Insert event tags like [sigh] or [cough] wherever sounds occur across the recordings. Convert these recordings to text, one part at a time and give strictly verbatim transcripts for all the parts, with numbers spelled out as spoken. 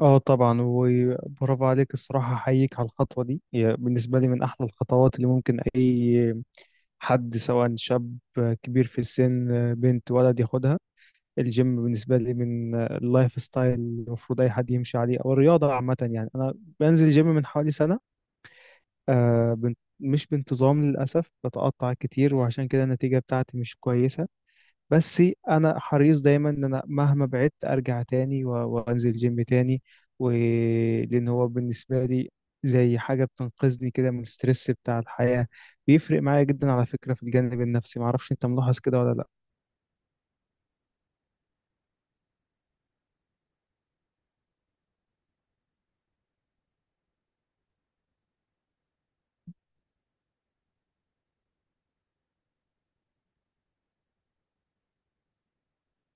اه، طبعا وبرافو عليك. الصراحة أحييك على الخطوة دي. هي بالنسبة لي من أحلى الخطوات اللي ممكن أي حد، سواء شاب، كبير في السن، بنت، ولد، ياخدها. الجيم بالنسبة لي من اللايف ستايل اللي المفروض أي حد يمشي عليه، أو الرياضة عامة. يعني أنا بنزل جيم من حوالي سنة. آه بن- مش بانتظام للأسف، بتقطع كتير، وعشان كده النتيجة بتاعتي مش كويسة. بس انا حريص دايما ان انا مهما بعدت ارجع تاني و- وانزل جيم تاني، ولان هو بالنسبه لي زي حاجه بتنقذني كده من الستريس بتاع الحياه. بيفرق معايا جدا على فكره في الجانب النفسي، معرفش انت ملاحظ كده ولا لا؟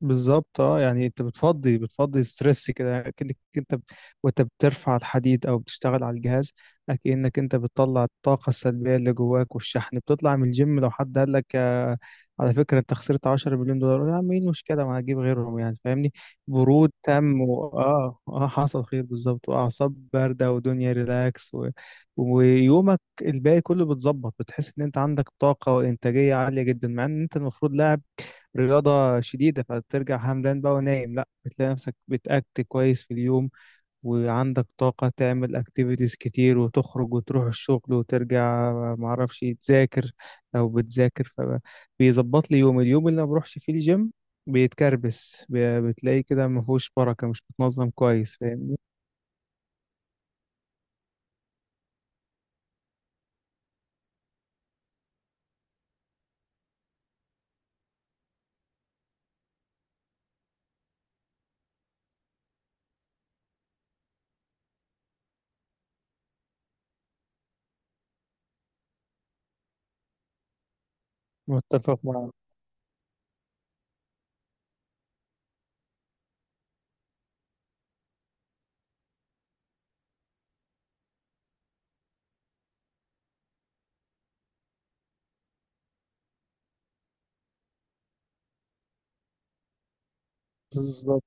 بالظبط. اه يعني انت بتفضي، بتفضي ستريس كده، يعني كأنك انت ب- وانت بترفع الحديد او بتشتغل على الجهاز، كأنك انت بتطلع الطاقة السلبية اللي جواك والشحن. بتطلع من الجيم، لو حد قال لك آه، على فكرة انت خسرت عشرة مليون دولار، قول يا عم ايه المشكلة، ما هجيب غيرهم، يعني فاهمني. برود تام و... اه اه حصل خير بالظبط، واعصاب باردة ودنيا ريلاكس. و... ويومك الباقي كله بتظبط، بتحس ان انت عندك طاقة وانتاجية عالية جدا، مع ان انت المفروض لاعب رياضة شديدة فترجع همدان بقى ونايم. لا، بتلاقي نفسك بتأكت كويس في اليوم، وعندك طاقة تعمل اكتيفيتيز كتير، وتخرج وتروح الشغل وترجع معرفش تذاكر لو بتذاكر. فبيظبط لي يوم. اليوم اللي ما بروحش فيه الجيم بيتكربس ب- بتلاقي كده ما فيهوش بركة، مش متنظم كويس، فاهم؟ متفق معاك بالظبط.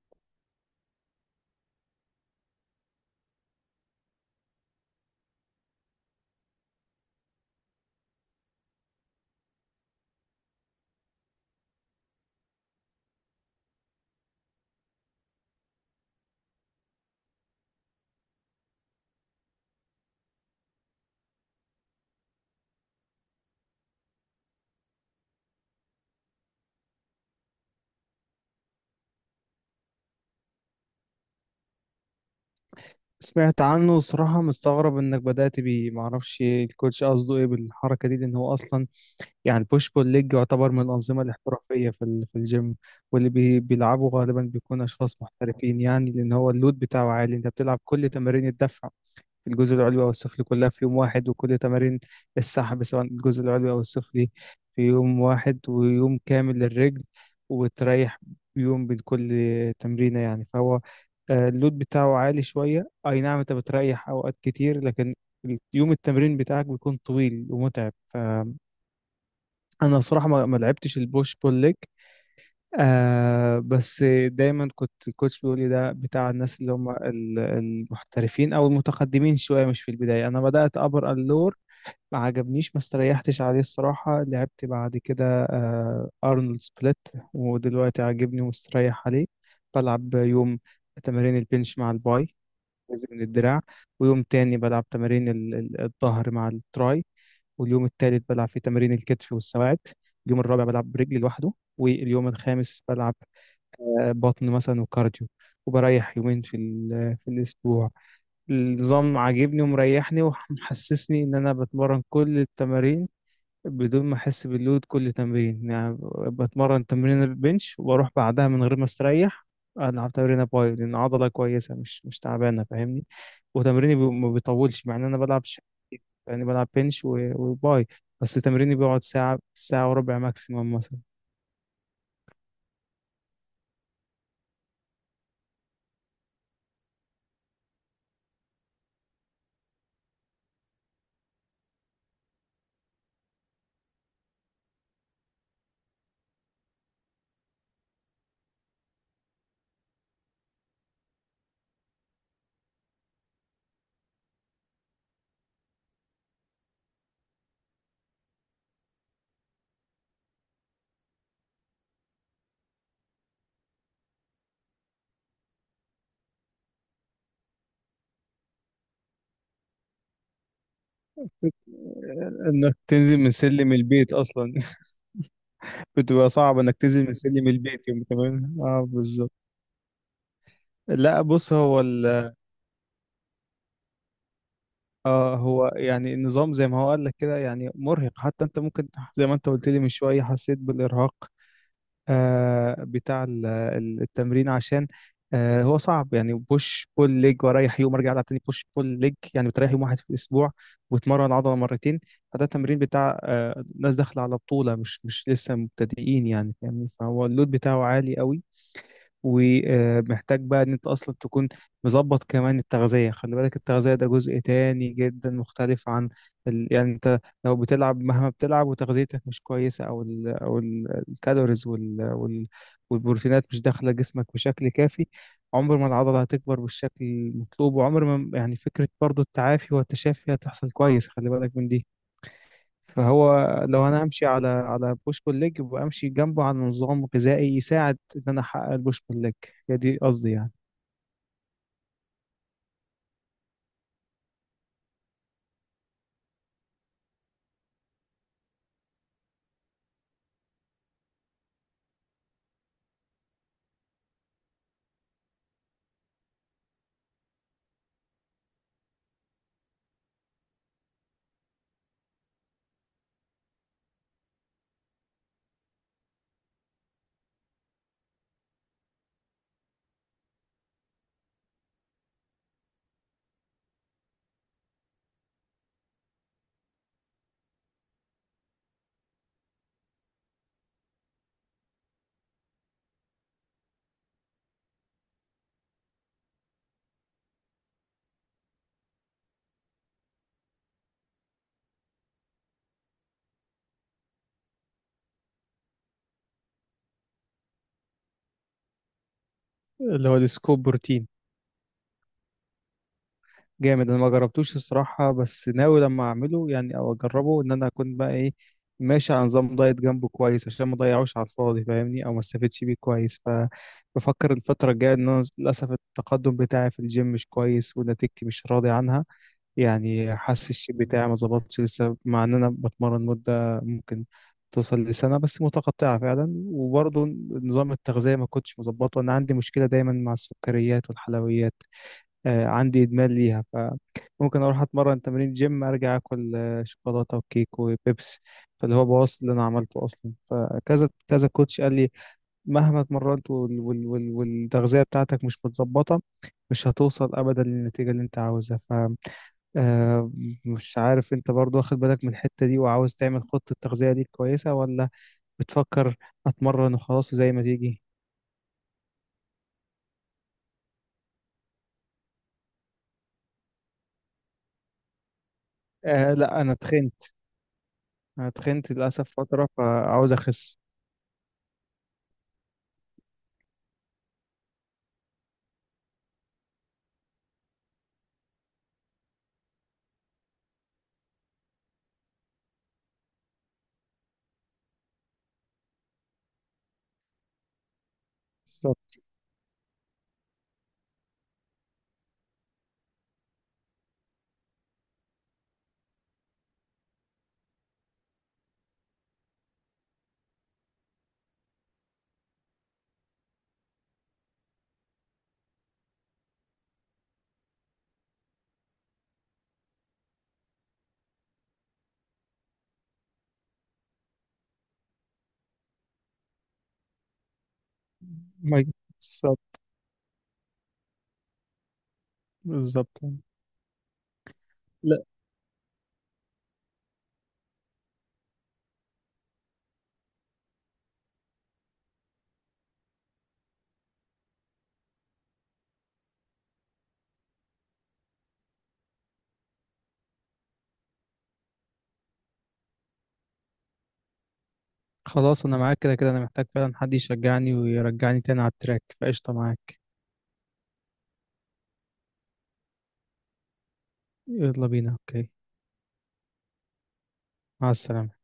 سمعت عنه وصراحة مستغرب انك بدأت بيه، معرفش الكوتش قصده ايه بالحركة دي. لان هو اصلا يعني البوش بول ليج يعتبر من الأنظمة الاحترافية في ال- في الجيم. واللي بي- بيلعبوا غالبا بيكون أشخاص محترفين، يعني لأن هو اللود بتاعه عالي. أنت بتلعب كل تمارين الدفع في الجزء العلوي أو السفلي كلها في يوم واحد، وكل تمارين السحب سواء الجزء العلوي أو السفلي في يوم واحد، ويوم كامل للرجل. وتريح يوم بين كل تمرينة. يعني فهو آه، اللود بتاعه عالي شوية، أي نعم أنت بتريح أوقات كتير، لكن يوم التمرين بتاعك بيكون طويل ومتعب. انا صراحه ما ما لعبتش البوش بول ليج. آه، بس دايما كنت الكوتش بيقول لي ده بتاع الناس اللي هم ال- المحترفين او المتقدمين شويه، مش في البدايه. انا بدات ابر اللور، ما عجبنيش، ما استريحتش عليه الصراحه. لعبت بعد كده آه ارنولد سبليت، ودلوقتي عاجبني ومستريح عليه. بلعب يوم تمارين البنش مع الباي، جزء من الدراع. ويوم تاني بلعب تمارين ال- ال- الظهر مع التراي. واليوم الثالث بلعب فيه تمارين الكتف والسواعد. اليوم الرابع بلعب برجلي لوحده. واليوم الخامس بلعب آه، بطن مثلا وكارديو. وبريح يومين في ال- في الأسبوع. النظام عاجبني ومريحني ومحسسني إن أنا بتمرن كل التمارين بدون ما أحس باللود كل تمرين. يعني بتمرن تمرين البنش وأروح بعدها من غير ما أستريح، ألعب تمرين باي، لأن عضلة كويسة مش مش تعبانة، فاهمني. وتمريني بي- ما بيطولش، مع إن أنا بلعب، يعني بلعب بنش و- وباي، بس تمريني بيقعد ساعة، ساعة وربع ماكسيمم مثلا. انك تنزل من سلم البيت اصلا! [laughs] بتبقى صعب انك تنزل من سلم البيت يوم كمان، اه بالظبط. لا بص هو ال... آه هو يعني النظام زي ما هو قال لك كده، يعني مرهق. حتى انت ممكن زي ما انت قلت لي من شويه، حسيت بالارهاق آه، بتاع ال- ال- التمرين، عشان آه، هو صعب. يعني بوش بول ليج، واريح يوم، ارجع العب تاني بوش بول ليج، يعني بتريح يوم واحد في الاسبوع وتمرن عضله مرتين. فده تمرين بتاع آه، ناس داخله على بطوله، مش مش لسه مبتدئين، يعني فاهمني. فهو اللود بتاعه عالي قوي، ومحتاج بقى ان انت اصلا تكون مظبط كمان التغذية. خلي بالك، التغذية ده جزء تاني جدا مختلف عن ال... يعني انت لو بتلعب، مهما بتلعب وتغذيتك مش كويسة، او ال... او ال- الكالوريز وال... وال... والبروتينات مش داخلة جسمك بشكل كافي، عمر ما العضلة هتكبر بالشكل المطلوب، وعمر ما يعني فكرة برضو التعافي والتشافي هتحصل كويس، خلي بالك من دي. فهو لو انا همشي على على بوش بول ليج، يبقى امشي جنبه على نظام غذائي يساعد ان انا احقق البوش بول ليج. هي دي قصدي يعني. اللي هو السكوب بروتين جامد. انا ما جربتوش الصراحه، بس ناوي لما اعمله يعني او اجربه، ان انا اكون بقى ايه، ماشي على نظام دايت جنبه كويس، عشان ما اضيعوش على الفاضي فاهمني، او ما استفدش بيه كويس. فبفكر الفتره الجايه، ان انا للاسف التقدم بتاعي في الجيم مش كويس، ونتيجتي مش راضي عنها. يعني حاسس الشيب بتاعي ما ظبطش لسه، مع ان انا بتمرن مده ممكن توصل لسنه، بس متقطعه فعلا. وبرضه نظام التغذيه ما كنتش مظبطه. انا عندي مشكله دايما مع السكريات والحلويات، آه عندي ادمان ليها. فممكن اروح اتمرن تمرين جيم، ارجع اكل آه، شوكولاته وكيك وبيبس، فاللي هو بوظ اللي انا عملته اصلا. فكذا كذا كوتش قال لي مهما اتمرنت وال وال وال والتغذيه بتاعتك مش متظبطه، مش هتوصل ابدا للنتيجه اللي انت عاوزها. آه، مش عارف انت برضو واخد بالك من الحتة دي وعاوز تعمل خطة تغذية ليك كويسة، ولا بتفكر اتمرن وخلاص زي ما تيجي. آه لا، انا تخنت. انا تخنت للاسف فترة، فعاوز اخس. بالظبط. ما- بالظبط. بالظبط. لا خلاص، انا معاك. كده كده انا محتاج فعلا حد يشجعني ويرجعني تاني على التراك، فقشطة معاك. يلا بينا، اوكي. مع السلامة.